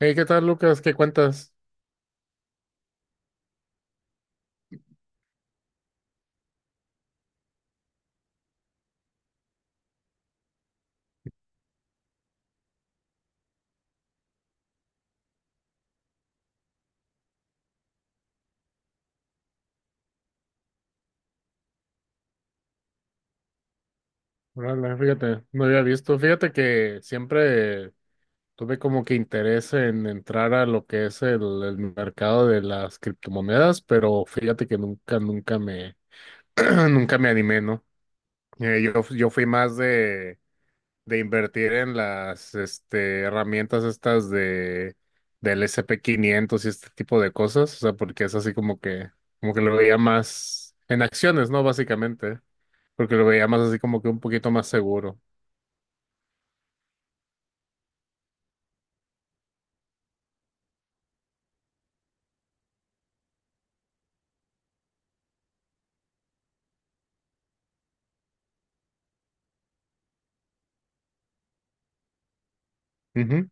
Hey, ¿qué tal, Lucas? ¿Qué cuentas? Órale, fíjate, no había visto. Fíjate que siempre tuve como que interés en entrar a lo que es el mercado de las criptomonedas, pero fíjate que nunca, nunca me, nunca me animé, ¿no? Yo fui más de invertir en las, este, herramientas estas de, del S&P 500 500 y este tipo de cosas, o sea, porque es así como que lo veía más en acciones, ¿no? Básicamente. Porque lo veía más así como que un poquito más seguro. Ujú.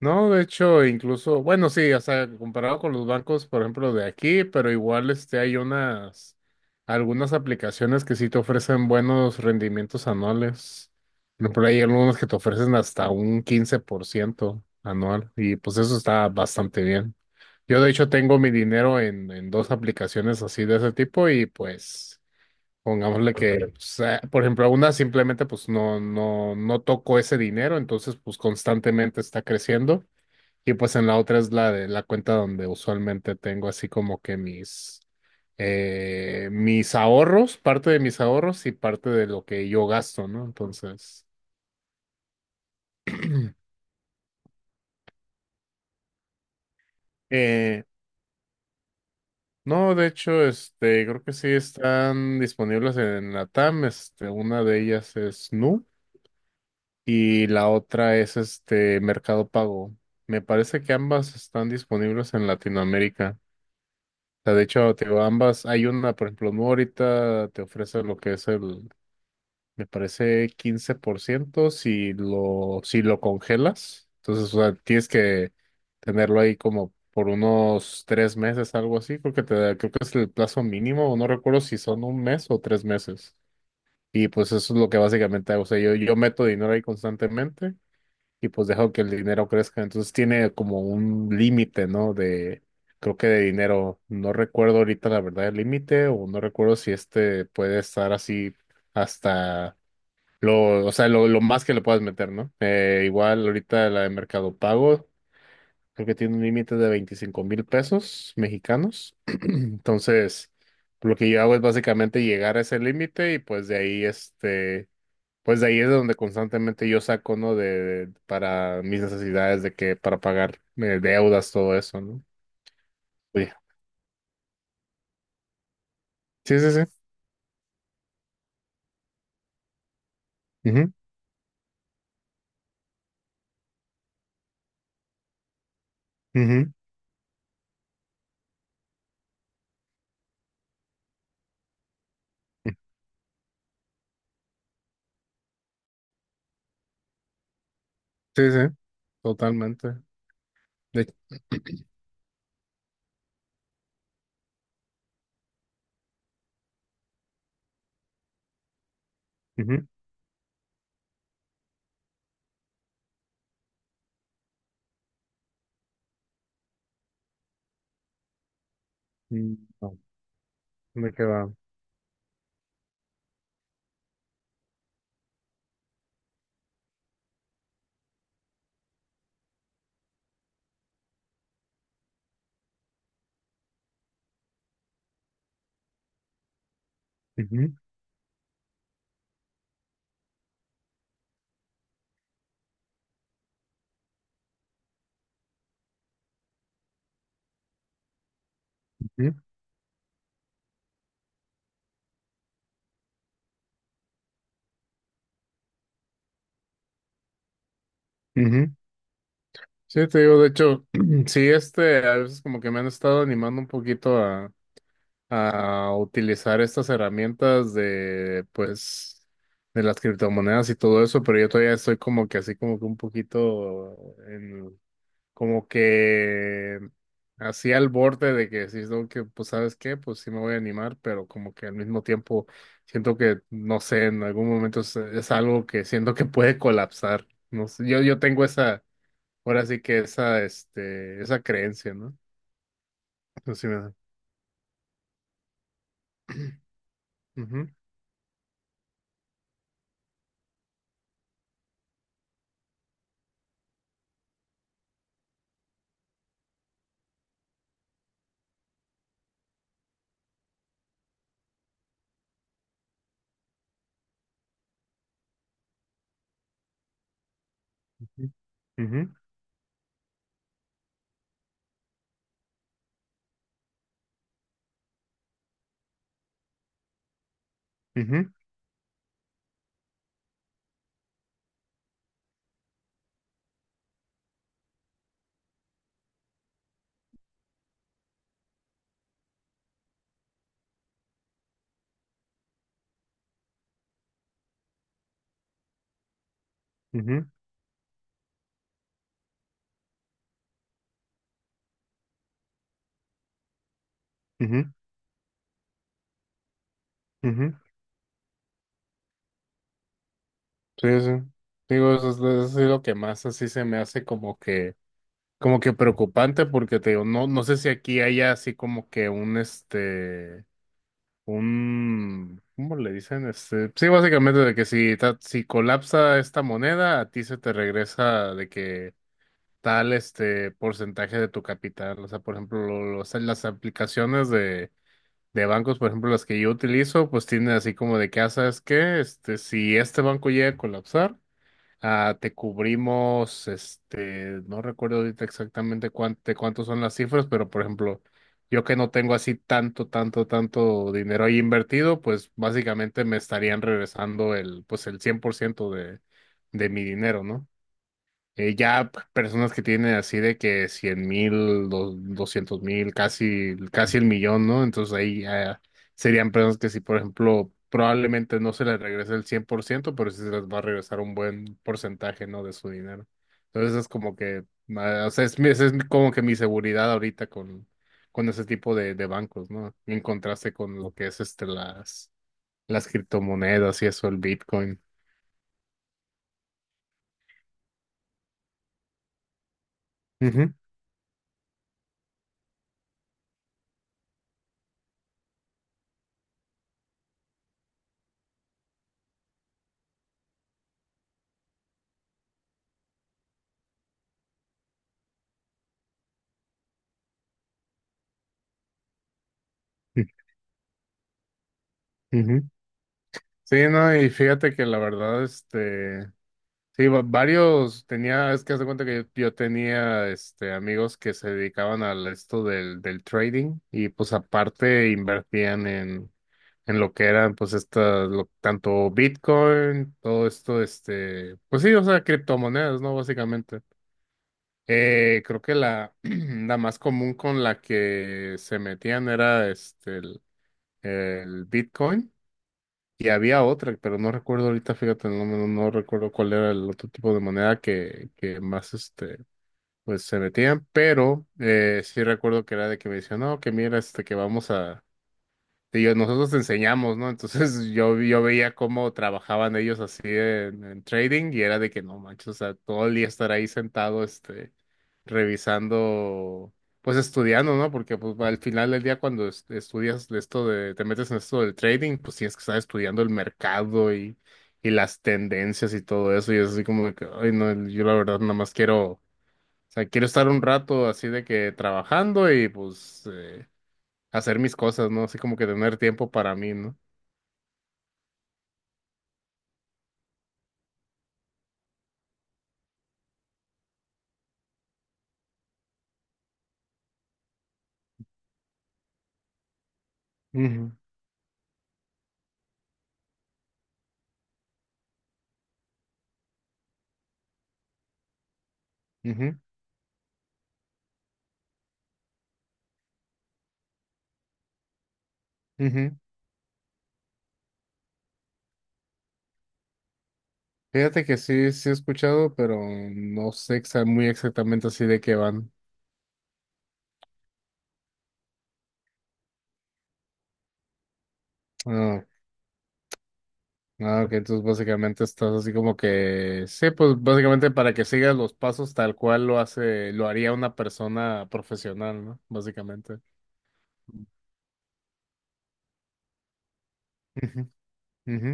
No, de hecho, incluso, bueno, sí, o sea, comparado con los bancos, por ejemplo, de aquí, pero igual este, hay unas, algunas aplicaciones que sí te ofrecen buenos rendimientos anuales. Por ejemplo, hay algunas que te ofrecen hasta un 15% anual y pues eso está bastante bien. Yo de hecho tengo mi dinero en dos aplicaciones así de ese tipo y pues... Pongámosle que, o sea, por ejemplo, a una simplemente pues no, no tocó ese dinero, entonces pues constantemente está creciendo. Y pues en la otra es la de la cuenta donde usualmente tengo así como que mis, mis ahorros, parte de mis ahorros y parte de lo que yo gasto, ¿no? Entonces, eh, no, de hecho, este, creo que sí están disponibles en la TAM. Este, una de ellas es Nu. Y la otra es este Mercado Pago. Me parece que ambas están disponibles en Latinoamérica. O sea, de hecho, te digo, ambas, hay una, por ejemplo, no ahorita te ofrece lo que es el, me parece 15% si lo, si lo congelas. Entonces, o sea, tienes que tenerlo ahí como por unos tres meses, algo así, porque te da- creo que es el plazo mínimo, o no recuerdo si son un mes o tres meses. Y pues eso es lo que básicamente hago. O sea, yo meto dinero ahí constantemente y pues dejo que el dinero crezca. Entonces tiene como un límite, ¿no? De, creo que de dinero, no recuerdo ahorita la verdad el límite o no recuerdo si este puede estar así hasta lo, o sea, lo más que le puedas meter, ¿no? Igual ahorita la de Mercado Pago, creo que tiene un límite de 25 mil pesos mexicanos. Entonces, lo que yo hago es básicamente llegar a ese límite y pues de ahí este pues de ahí es de donde constantemente yo saco, ¿no? De, para mis necesidades de que, para pagar deudas, todo eso, ¿no? Oye, sí, sí, sí. Ujú, ujú. Sí, sí, totalmente. De, ujú, mm, no, ¿de qué va? Ujú, ujú, ujú. Sí, te digo, de hecho, sí, este, a veces como que me han estado animando un poquito a utilizar estas herramientas de, pues, de las criptomonedas y todo eso, pero yo todavía estoy como que así como que un poquito en, como que así al borde de que decís, no, que pues, ¿sabes qué? Pues sí me voy a animar, pero como que al mismo tiempo siento que, no sé, en algún momento es algo que siento que puede colapsar. No sé, yo tengo esa, ahora sí que esa, este, esa creencia, ¿no? Así me da. Ujú, ujú, ujú, ujú. Ujú, ujú, ujú. Sí, sí. Digo, eso es lo que más así se me hace como que preocupante, porque te digo, no, no sé si aquí haya así como que un este, un, ¿cómo le dicen? Este, sí, básicamente de que si, ta- si colapsa esta moneda, a ti se te regresa de que tal este porcentaje de tu capital. O sea, por ejemplo, lo- los- las aplicaciones de bancos, por ejemplo, las que yo utilizo, pues tienen así como de que, ah, ¿sabes qué? Este, si este banco llega a colapsar, ah, te cubrimos, este, no recuerdo ahorita exactamente cuánto, de cuántos son las cifras, pero por ejemplo, yo que no tengo así tanto, tanto, tanto dinero ahí invertido, pues básicamente me estarían regresando el, pues el 100% de mi dinero, ¿no? Ya p- personas que tienen así de que cien mil, doscientos mil, casi, casi el millón, ¿no? Entonces ahí ya serían personas que si, por ejemplo, probablemente no se les regrese el 100% pero sí se les va a regresar un buen porcentaje, ¿no? De su dinero. Entonces es como que, ah, o sea, es, mi- esa es mi- como que mi seguridad ahorita con ese tipo de bancos, ¿no? En contraste con lo que es este, las criptomonedas y eso, el Bitcoin. Ujú, ujú, sí, no, y fíjate que la verdad, este, sí, va- varios tenía, es que haz de cuenta que yo tenía, este, amigos que se dedicaban al esto del, del trading y pues aparte invertían en lo que eran, pues estas, lo- tanto Bitcoin, todo esto, este, pues sí, o sea, criptomonedas, ¿no? Básicamente. Creo que la, la más común con la que se metían era, este, el Bitcoin. Y había otra, pero no recuerdo ahorita, fíjate, no, no recuerdo cuál era el otro tipo de moneda que más este, pues se metían, pero sí recuerdo que era de que me decían, no, que mira, este, que vamos a, sí, yo- nosotros te enseñamos, ¿no? Entonces yo veía cómo trabajaban ellos así en trading y era de que no manches, o sea, todo el día estar ahí sentado, este, revisando, pues estudiando, ¿no? Porque pues, al final del día cuando es- estudias de esto de, te metes en esto del trading, pues tienes que estar estudiando el mercado y las tendencias y todo eso. Y es así como de que, ay, no, yo la verdad nada más quiero, o sea, quiero estar un rato así de que trabajando y pues... hacer mis cosas, ¿no? Así como que tener tiempo para mí, ¿no? Ujú, ujú, ujú. Fíjate que sí, sí he escuchado, pero no sé exa- muy exactamente así de qué van. Ah, ah, ok, entonces básicamente estás así como que, sí, pues básicamente para que sigas los pasos tal cual lo hace, lo haría una persona profesional, ¿no? Básicamente. Ujú, ujú.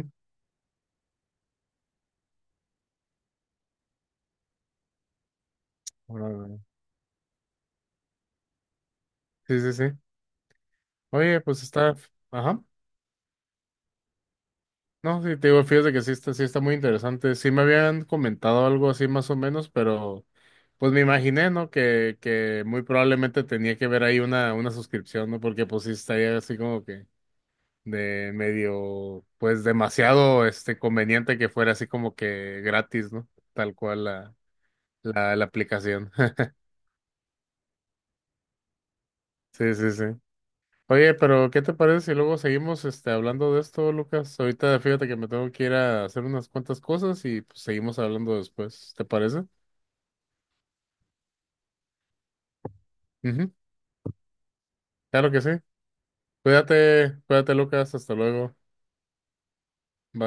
Órale. Sí, sí, sí. Oye, pues está, ajá. No, sí, te digo, fíjate que sí está muy interesante. Sí me habían comentado algo así más o menos, pero pues me imaginé, ¿no? Que muy probablemente tenía que ver ahí una suscripción, ¿no? Porque pues sí estaría así como que de medio, pues demasiado este conveniente que fuera así como que gratis, ¿no? Tal cual la, la aplicación. Sí, sí, sí. Oye, pero ¿qué te parece si luego seguimos este, hablando de esto, Lucas? Ahorita fíjate que me tengo que ir a hacer unas cuantas cosas y pues, seguimos hablando después, ¿te parece? Ujú, claro que sí. Cuídate, cuídate, Lucas, hasta luego. Bye.